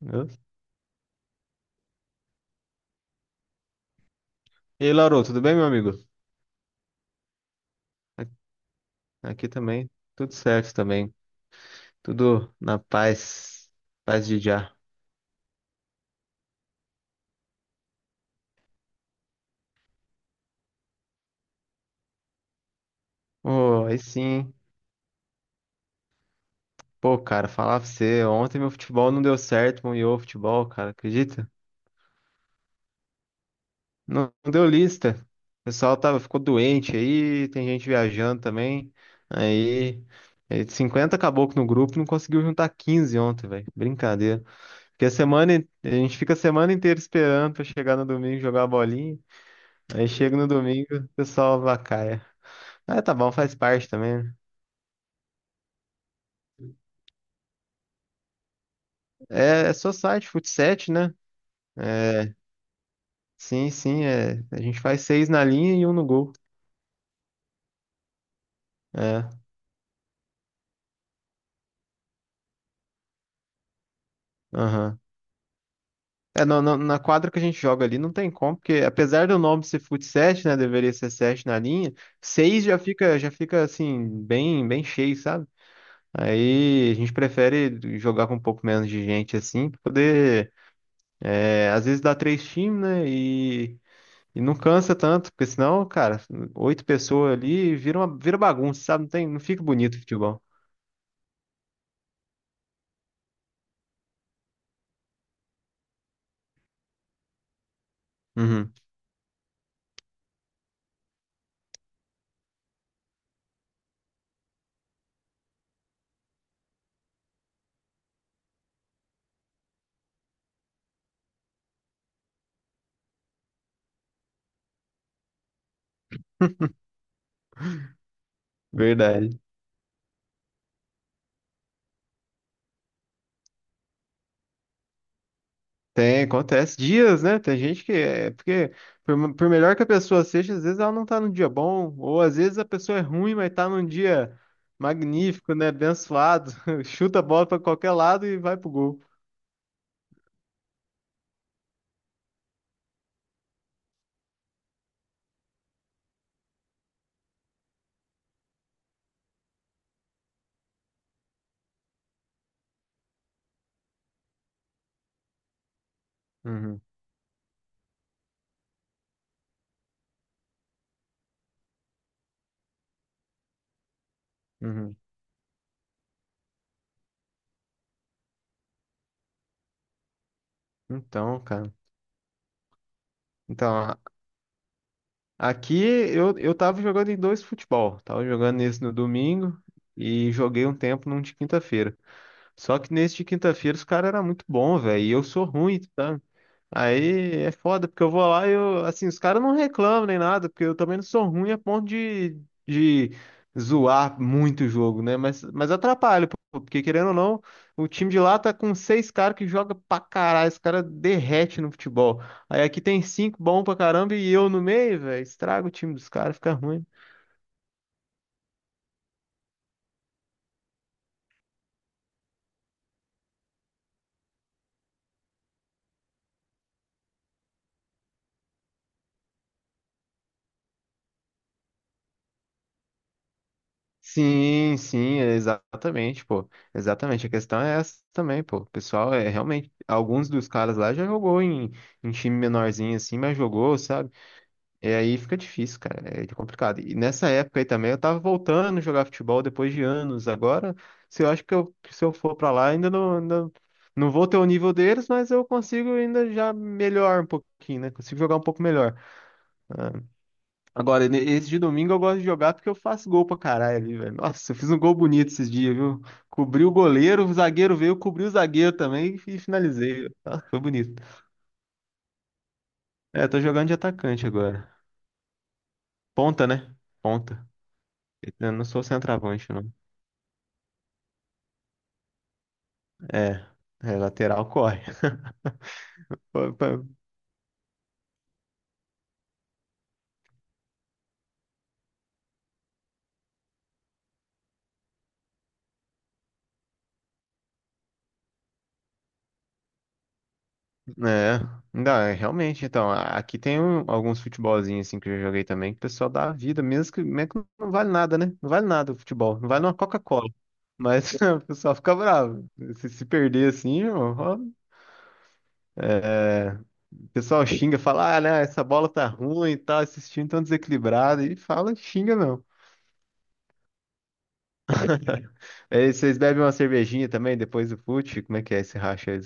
Eu- E aí, Lauro, tudo bem, meu amigo? A- Aqui também, tudo certo também. Tudo na paz, paz de já. Oh, aí sim. Pô, cara, falar pra você, ontem meu futebol não deu certo, meu ioô futebol, cara, acredita? Não, deu lista. O pessoal tava, ficou doente aí, tem gente viajando também. Aí, aí, 50 caboclo no grupo, não conseguiu juntar 15 ontem, velho. Brincadeira. Porque a semana, a gente fica a semana inteira esperando pra chegar no domingo e jogar a bolinha. Aí chega no domingo, o pessoal vacaia. Ah, tá bom, faz parte também, né? É, é só site, fut7, né? É, sim, sim, é. A gente faz seis na linha e um no gol. É, aham. É, na quadra que a gente joga ali não tem como, porque apesar do nome ser fut7, né, deveria ser 7 na linha, seis já fica assim, bem cheio, sabe? Aí a gente prefere jogar com um pouco menos de gente assim, pra poder, às vezes dá três times, né, e não cansa tanto, porque senão, cara, oito pessoas ali vira uma, vira bagunça, sabe? Não tem, não fica bonito o futebol. Uhum. Verdade. Tem, acontece dias, né? Tem gente que é porque por melhor que a pessoa seja, às vezes ela não tá num dia bom, ou às vezes a pessoa é ruim, mas tá num dia magnífico, né? Abençoado, chuta a bola pra qualquer lado e vai pro gol. Uhum, uhum. Então, cara. Então, aqui eu tava jogando em dois futebol. Tava jogando nesse no domingo e joguei um tempo num de quinta-feira. Só que nesse de quinta-feira os caras eram muito bons, velho. E eu sou ruim, tá? Aí é foda, porque eu vou lá e eu, assim, os caras não reclamam nem nada, porque eu também não sou ruim a ponto de zoar muito o jogo, né? Mas atrapalha, pô, porque querendo ou não, o time de lá tá com seis caras que joga pra caralho, esse cara derrete no futebol. Aí aqui tem cinco bom pra caramba e eu no meio, velho, estraga o time dos caras, fica ruim. Sim, sim, exatamente, pô. Exatamente. A questão é essa também, pô. O pessoal é realmente. Alguns dos caras lá já jogou em time menorzinho assim, mas jogou, sabe? E aí fica difícil, cara. É complicado. E nessa época aí também eu tava voltando a jogar futebol depois de anos. Agora, se eu acho que eu, se eu for pra lá, ainda não vou ter o nível deles, mas eu consigo ainda já melhor um pouquinho, né? Consigo jogar um pouco melhor. Agora, esse de domingo eu gosto de jogar porque eu faço gol pra caralho ali, velho. Nossa, eu fiz um gol bonito esses dias, viu? Cobri o goleiro, o zagueiro veio, cobri o zagueiro também e finalizei. Nossa, foi bonito. É, tô jogando de atacante agora. Ponta, né? Ponta. Eu não sou centroavante, não. É, é lateral corre. É, não, é, realmente, então, aqui tem alguns futebolzinhos assim que eu já joguei também, que o pessoal dá a vida, mesmo que não vale nada, né? Não vale nada o futebol, não vale uma Coca-Cola. Mas o pessoal fica bravo. Se perder assim, irmão, ó, é, o pessoal xinga, fala, ah, né, essa bola tá ruim e tal, esses times tão desequilibrados, e fala, xinga mesmo. Aí vocês bebem uma cervejinha também depois do fute? Como é que é esse racha aí?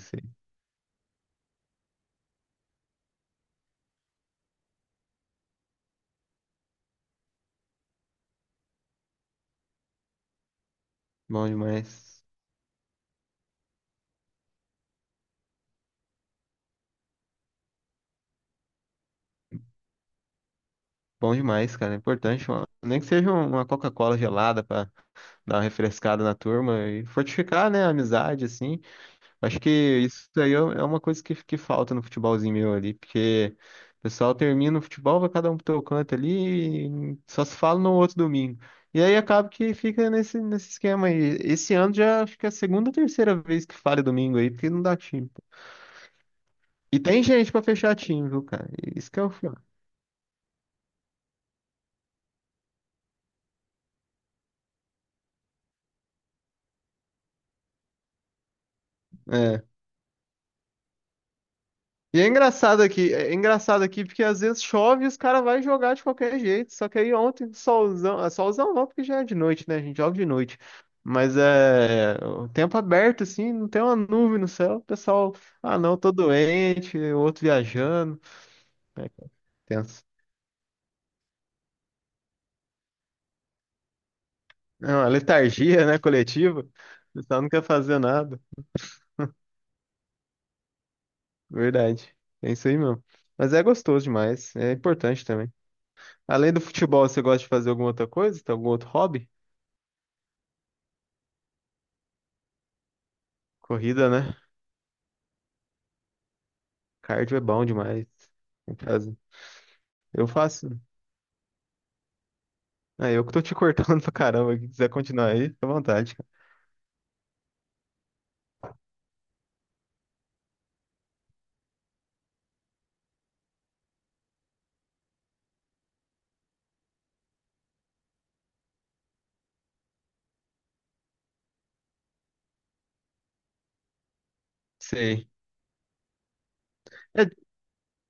Bom demais. Bom demais, cara. É importante, mano. Nem que seja uma Coca-Cola gelada pra dar uma refrescada na turma e fortificar, né, a amizade, assim. Acho que isso aí é uma coisa que falta no futebolzinho meu ali, porque o pessoal termina o futebol, vai cada um pro teu canto ali e só se fala no outro domingo. E aí acaba que fica nesse esquema aí. Esse ano já acho que é a segunda ou terceira vez que falha domingo aí, porque não dá time. E tem gente pra fechar time, viu, cara? Isso que é o fio. E é engraçado aqui porque às vezes chove e os caras vão jogar de qualquer jeito. Só que aí ontem, solzão, ah, solzão não, porque já é de noite, né? A gente joga de noite. Mas é o tempo aberto, assim, não tem uma nuvem no céu. O pessoal, ah, não, tô doente, o outro viajando. É tenso. É uma letargia, né, coletiva. O pessoal não quer fazer nada. Verdade. É isso aí mesmo. Mas é gostoso demais, é importante também. Além do futebol, você gosta de fazer alguma outra coisa? Tem algum outro hobby? Corrida, né? Cardio é bom demais. Tem que fazer. Eu faço. É, eu que tô te cortando pra caramba. Se quiser continuar aí, fica à vontade, cara. Sei. É,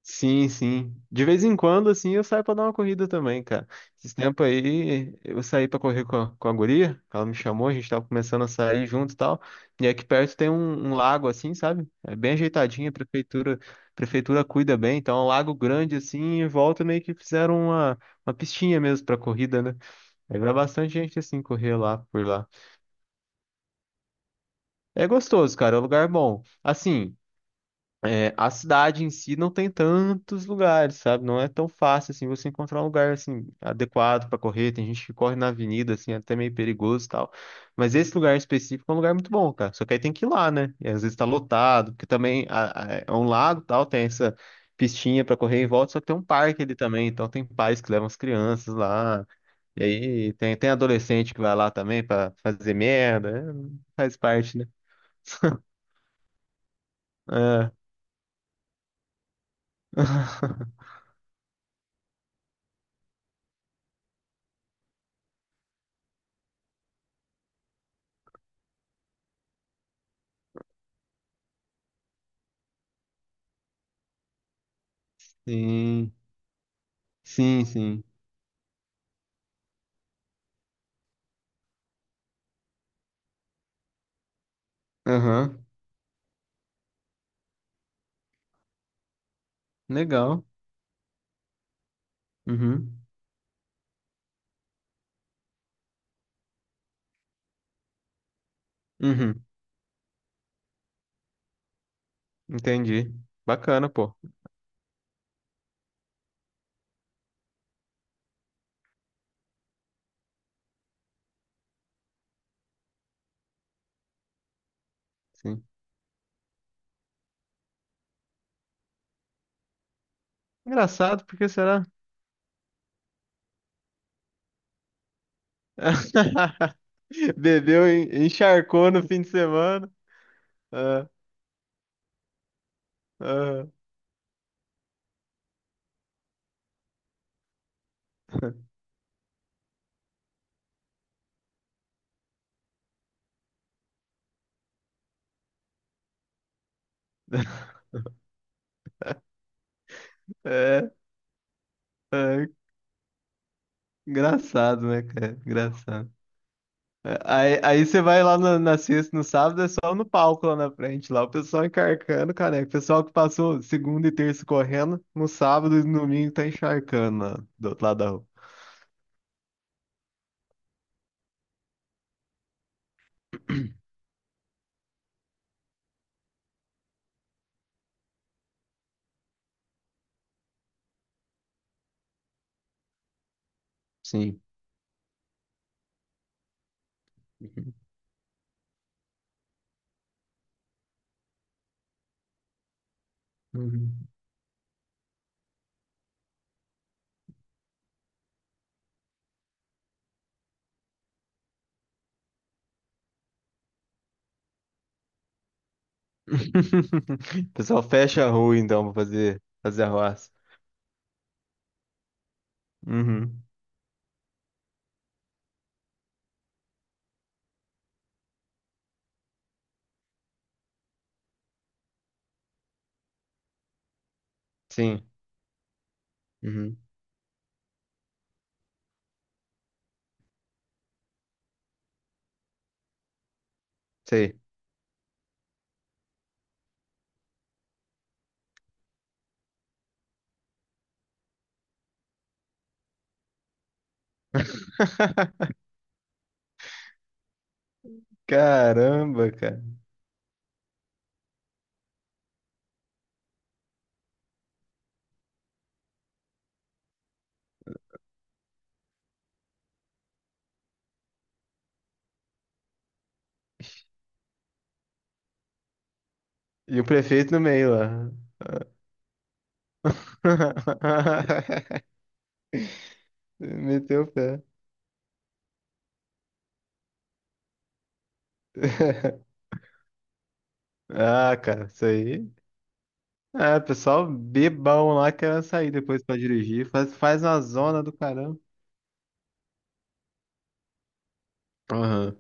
sim, sim. De vez em quando, assim, eu saio pra dar uma corrida também, cara. Esses tempos aí, eu saí pra correr com com a guria. Ela me chamou, a gente tava começando a sair junto e tal. E aqui perto tem um, um lago, assim, sabe? É bem ajeitadinho, a prefeitura cuida bem. Então, é um lago grande, assim, e em volta meio que fizeram uma pistinha mesmo pra corrida, né? Aí vai bastante gente assim correr lá por lá. É gostoso, cara, é um lugar bom. Assim, é, a cidade em si não tem tantos lugares, sabe? Não é tão fácil assim você encontrar um lugar assim adequado pra correr. Tem gente que corre na avenida assim, é até meio perigoso e tal. Mas esse lugar específico é um lugar muito bom, cara. Só que aí tem que ir lá, né? E às vezes tá lotado, porque também é um lago, e tal, tem essa pistinha pra correr em volta, só que tem um parque ali também, então tem pais que levam as crianças lá. E aí tem, tem adolescente que vai lá também pra fazer merda. É, faz parte, né? É. Sim, sim, sim. Aham. Legal. Uhum. Uhum. Entendi. Bacana, pô. Sim. Engraçado, porque será? Bebeu, encharcou no fim de semana. Ah, ah. É, é, engraçado, né, cara? Engraçado. Aí, você vai lá na sexta, no sábado, é só no palco lá na frente, lá o pessoal encharcando, caneco. O pessoal que passou segunda e terça correndo, no sábado e no domingo tá encharcando lá, do outro lado da rua. Sim. Uhum. Uhum. O pessoal fecha a rua então pra fazer, fazer arruaça. Uhum. Sim. Uhum. Sei. Caramba, cara. E o prefeito no meio lá. Meteu o pé. Ah, cara, isso aí. É, pessoal bebão lá quer sair depois pra dirigir. Faz, faz uma zona do caramba. Aham.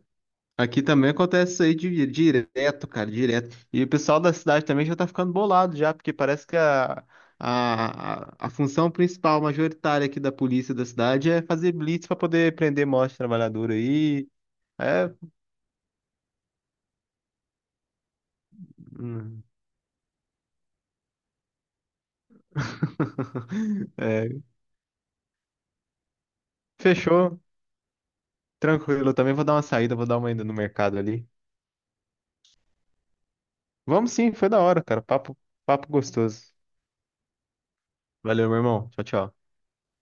Aqui também acontece isso aí direto, cara, direto. E o pessoal da cidade também já tá ficando bolado já, porque parece que a função principal, majoritária aqui da polícia da cidade é fazer blitz pra poder prender morte trabalhadora aí. É, hum. É, fechou. Tranquilo, eu também vou dar uma saída, vou dar uma ida no mercado ali. Vamos sim, foi da hora, cara. Papo, papo gostoso. Valeu, meu irmão. Tchau, tchau.